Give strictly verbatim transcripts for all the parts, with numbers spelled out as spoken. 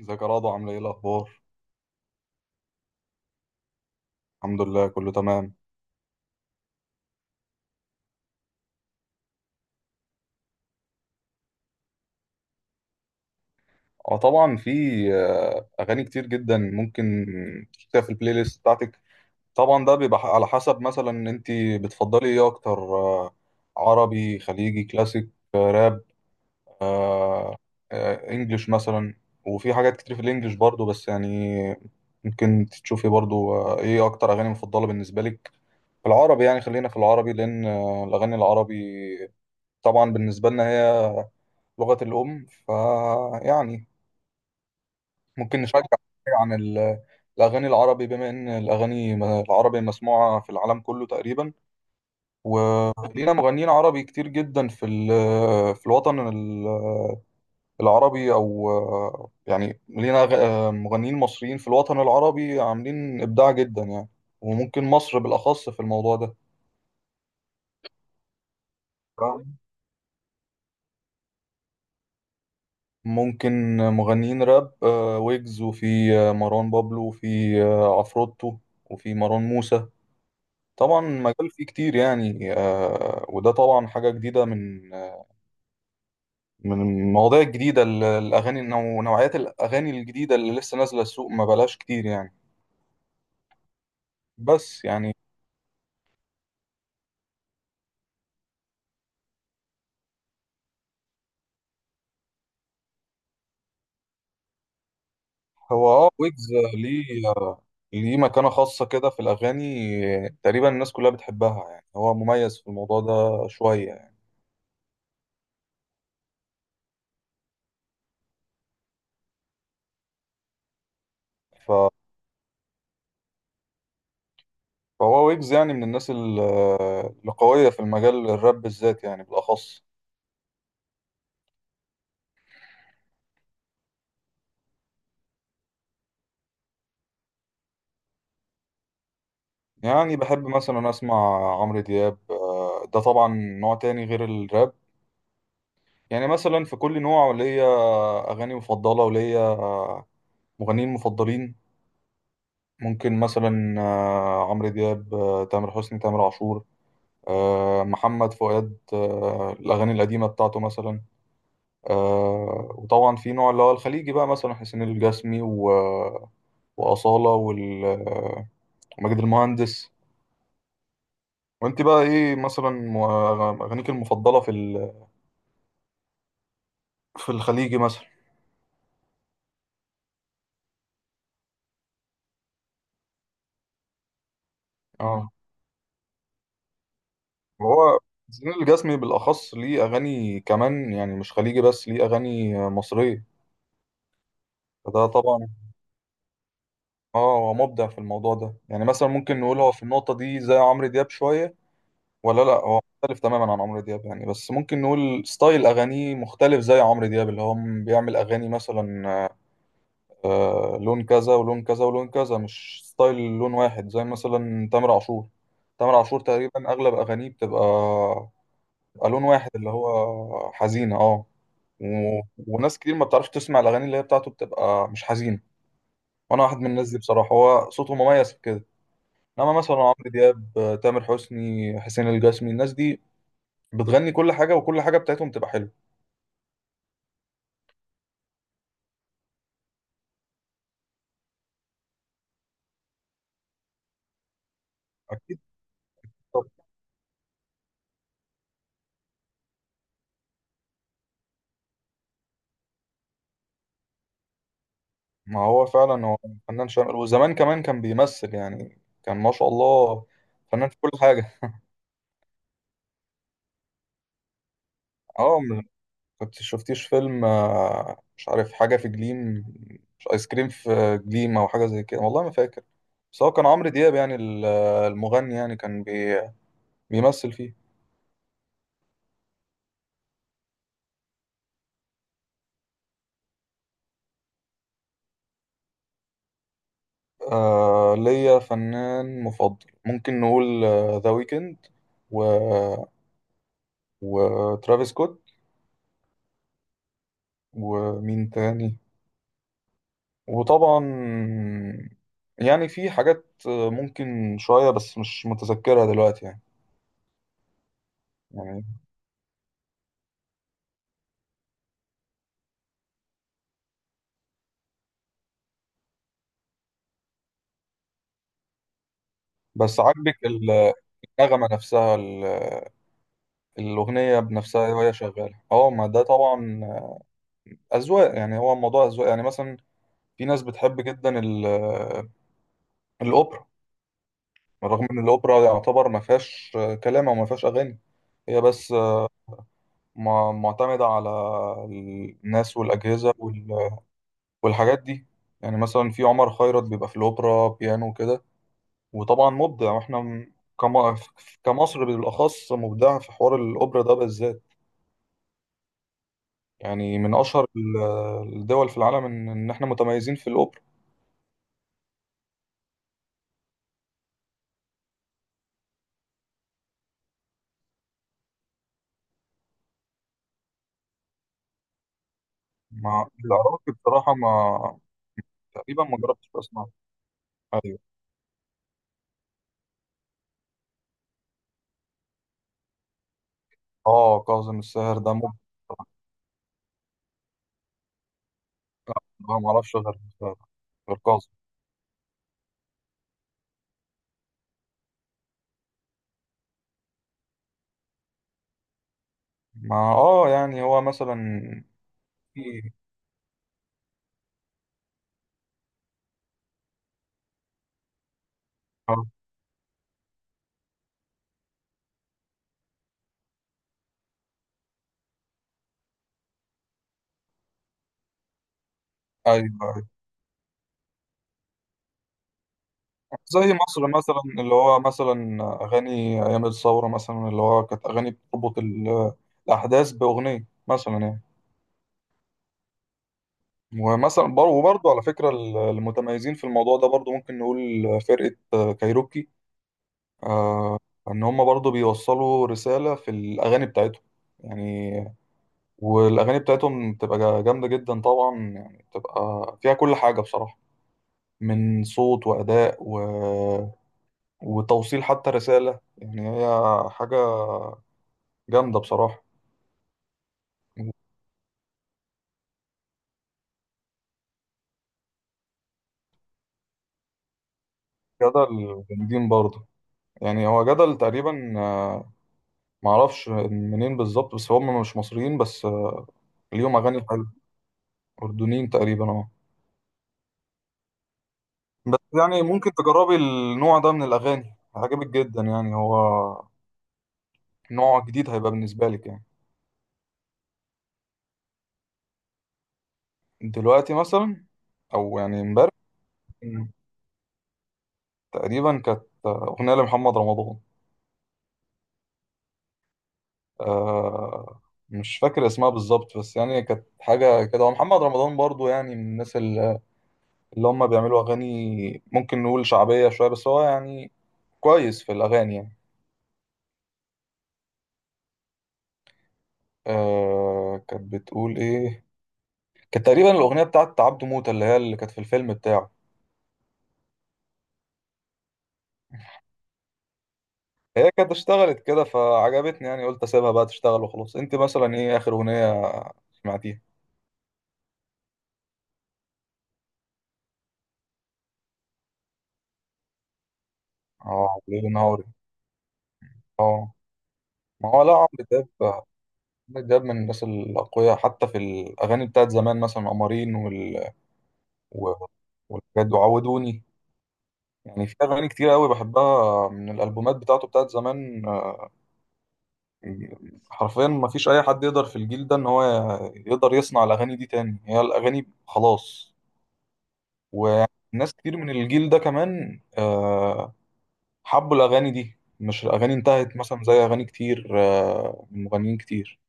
ازيك يا رضوى؟ عامله ايه الاخبار؟ الحمد لله، كله تمام. اه، طبعا في آه، اغاني كتير جدا ممكن تحطيها في البلاي ليست بتاعتك. طبعا ده بيبقى على حسب، مثلا انت بتفضلي ايه اكتر؟ آه، عربي، خليجي، كلاسيك، آه، راب، آه، آه، انجليش مثلا. وفي حاجات كتير في الانجليش برضو، بس يعني ممكن تشوفي برضو آه، ايه اكتر اغاني مفضله بالنسبه لك في العربي. يعني خلينا في العربي، لان آه، الاغاني العربي طبعا بالنسبه لنا هي لغة الأم، فيعني ممكن نشجع عن ال- الأغاني العربي، بما إن الأغاني م- العربي مسموعة في العالم كله تقريبا. ولينا مغنيين عربي كتير جدا في ال- في الوطن ال- العربي، أو يعني لينا غ- مغنيين مصريين في الوطن العربي عاملين إبداع جدا يعني. وممكن مصر بالأخص في الموضوع ده. ممكن مغنيين راب، آه، ويجز، وفي آه، مروان بابلو، وفي آه، عفروتو، وفي مروان موسى. طبعا مجال فيه كتير يعني، آه، وده طبعا حاجة جديدة من من المواضيع الجديدة، ال- الأغاني نوع- نوعيات الأغاني الجديدة اللي لسه نازلة السوق، ما بلاش كتير يعني، بس يعني. هو اه ويجز ليه آه، ليه مكانة خاصة كده في الأغاني. آه، تقريبا الناس كلها بتحبها، يعني هو مميز في الموضوع ده شوية يعني. ف- فهو ويجز يعني من الناس ال- آه، القوية في المجال الراب بالذات، يعني بالأخص. يعني بحب مثلا اسمع عمرو دياب، آه، ده طبعا نوع تاني غير الراب. يعني مثلا في كل نوع ليا اغاني مفضله وليا آه، مغنيين مفضلين. ممكن مثلا آه، عمرو دياب، آه، تامر حسني، تامر عاشور، آه، محمد فؤاد، آه، الاغاني القديمه بتاعته مثلا، آه، وطبعا في نوع اللي هو الخليجي بقى، مثلا حسين الجسمي و- واصاله وال- آه، وماجد المهندس. وانت بقى ايه مثلا، مو- آه، اغانيك المفضله في في الخليجي مثلا؟ اه، وهو زين الجسمي بالأخص ليه أغاني كمان، يعني مش خليجي بس، ليه أغاني مصرية، فده طبعا. اه، هو مبدع في الموضوع ده، يعني مثلا ممكن نقول هو في النقطة دي زي عمرو دياب شوية، ولا لا، هو مختلف تماما عن عمرو دياب يعني، بس ممكن نقول ستايل أغانيه مختلف زي عمرو دياب، اللي هو بيعمل أغاني مثلا آه، لون كذا ولون كذا ولون كذا، مش ستايل لون واحد زي مثلا تامر عاشور. تامر عاشور تقريبا أغلب أغانيه بتبقى بيبقى لون واحد، اللي هو حزينة اه. و... وناس كتير ما بتعرفش تسمع الأغاني اللي هي بتاعته، بتبقى مش حزين، وأنا واحد من الناس دي بصراحة، هو صوته مميز في كده. إنما مثلا عمرو دياب، آه، تامر حسني، حسين الجسمي، الناس دي بتغني كل حاجة، وكل حاجة بتاعتهم تبقى حلوة. أكيد. طب، ما هو فعلا هو فنان شامل، وزمان كمان كان بيمثل يعني، كان ما شاء الله فنان في كل حاجة. اه، كنت شفتيش فيلم آه، مش عارف حاجة في جليم، مش آيس كريم في جليم أو حاجة زي كده، والله ما فاكر. بس هو كان عمرو دياب يعني ال- المغني يعني، كان بي بيمثل فيه. آه، ليا فنان مفضل ممكن نقول، ذا ويكند و وترافيس سكوت، ومين تاني، وطبعا يعني في حاجات آه، ممكن شوية بس مش متذكرها دلوقتي يعني يعني. بس عاجبك النغمة نفسها، الأغنية بنفسها وهي شغالة، اه، ما ده طبعا أذواق، يعني هو الموضوع أذواق. يعني مثلا في ناس بتحب جدا ال- الأوبرا، رغم إن الأوبرا يعتبر ما فيهاش كلام أو ما فيهاش أغاني، هي بس مع- معتمدة على الناس والأجهزة وال- والحاجات دي. يعني مثلا في عمر خيرت بيبقى في الأوبرا بيانو وكده، وطبعا مبدع، واحنا م- كم- كمصر بالأخص مبدع في حوار الأوبرا ده بالذات، يعني من أشهر ال- الدول في العالم إن إن إحنا متميزين في الأوبرا. ما العراقي بصراحة، ما تقريبا ما جربتش أسمع. أيوه، آه كاظم الساهر ده ممكن، بقى ما أعرفش غير غير كاظم. ما آه يعني هو مثلا في آه، أيوه أيوه، زي مصر مثلا اللي هو مثلا أغاني أيام الثورة، مثلا اللي هو كانت أغاني بتربط ال- الأحداث بأغنية مثلا يعني. ومثلا بر- وبرضه على فكرة ال- المتميزين في الموضوع ده برضه، ممكن نقول فرقة كايروكي، ان هم برضو بيوصلوا رسالة في الاغاني بتاعتهم يعني، والاغاني بتاعتهم بتبقى جا- جامدة جدا طبعا يعني، بتبقى فيها كل حاجة بصراحة، من صوت واداء و... وتوصيل حتى رسالة، يعني هي حاجة جامدة بصراحة. جدل جامدين برضه، يعني هو جدل تقريبا، آه، معرفش منين بالظبط، بس هم مش مصريين بس، آه، ليهم أغاني حلوة، أردنيين تقريبا اه. بس يعني ممكن تجربي النوع ده من الأغاني، هيعجبك جدا، يعني هو نوع جديد هيبقى بالنسبة لك يعني. دلوقتي مثلا، أو يعني امبارح، تقريبا كانت أغنية لمحمد رمضان. آه، مش فاكر اسمها بالظبط، بس يعني كانت حاجة كده، ومحمد رمضان برضو يعني من الناس اللي اللي هم بيعملوا أغاني ممكن نقول شعبية شوية، بس هو يعني كويس في الأغاني يعني. آه، كانت بتقول إيه، كانت تقريبا الأغنية بتاعت عبده موتة، اللي هي اللي كانت في الفيلم بتاعه، هي كانت اشتغلت كده فعجبتني، يعني قلت اسيبها بقى تشتغل وخلاص. انت مثلا ايه اخر اغنيه سمعتيها؟ اه ليل نهاري اه. ما هو لا، عمرو دياب، عمرو دياب من الناس الاقوياء حتى في الاغاني بتاعت زمان، مثلا قمرين وال و- والحاجات دي وعودوني، يعني في اغاني كتير قوي بحبها من الالبومات بتاعته بتاعت زمان، آه، حرفيا ما فيش اي حد يقدر في الجيل ده ان هو يقدر يصنع الاغاني دي تاني، هي الاغاني خلاص. وناس كتير من الجيل ده كمان آه، حبوا الأغاني دي، مش الأغاني انتهت مثلا زي أغاني كتير آه، من مغنيين كتير.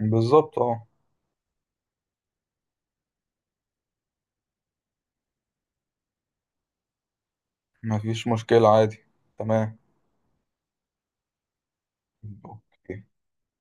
بالظبط اه. مفيش مشكلة، عادي. تمام. أوكي.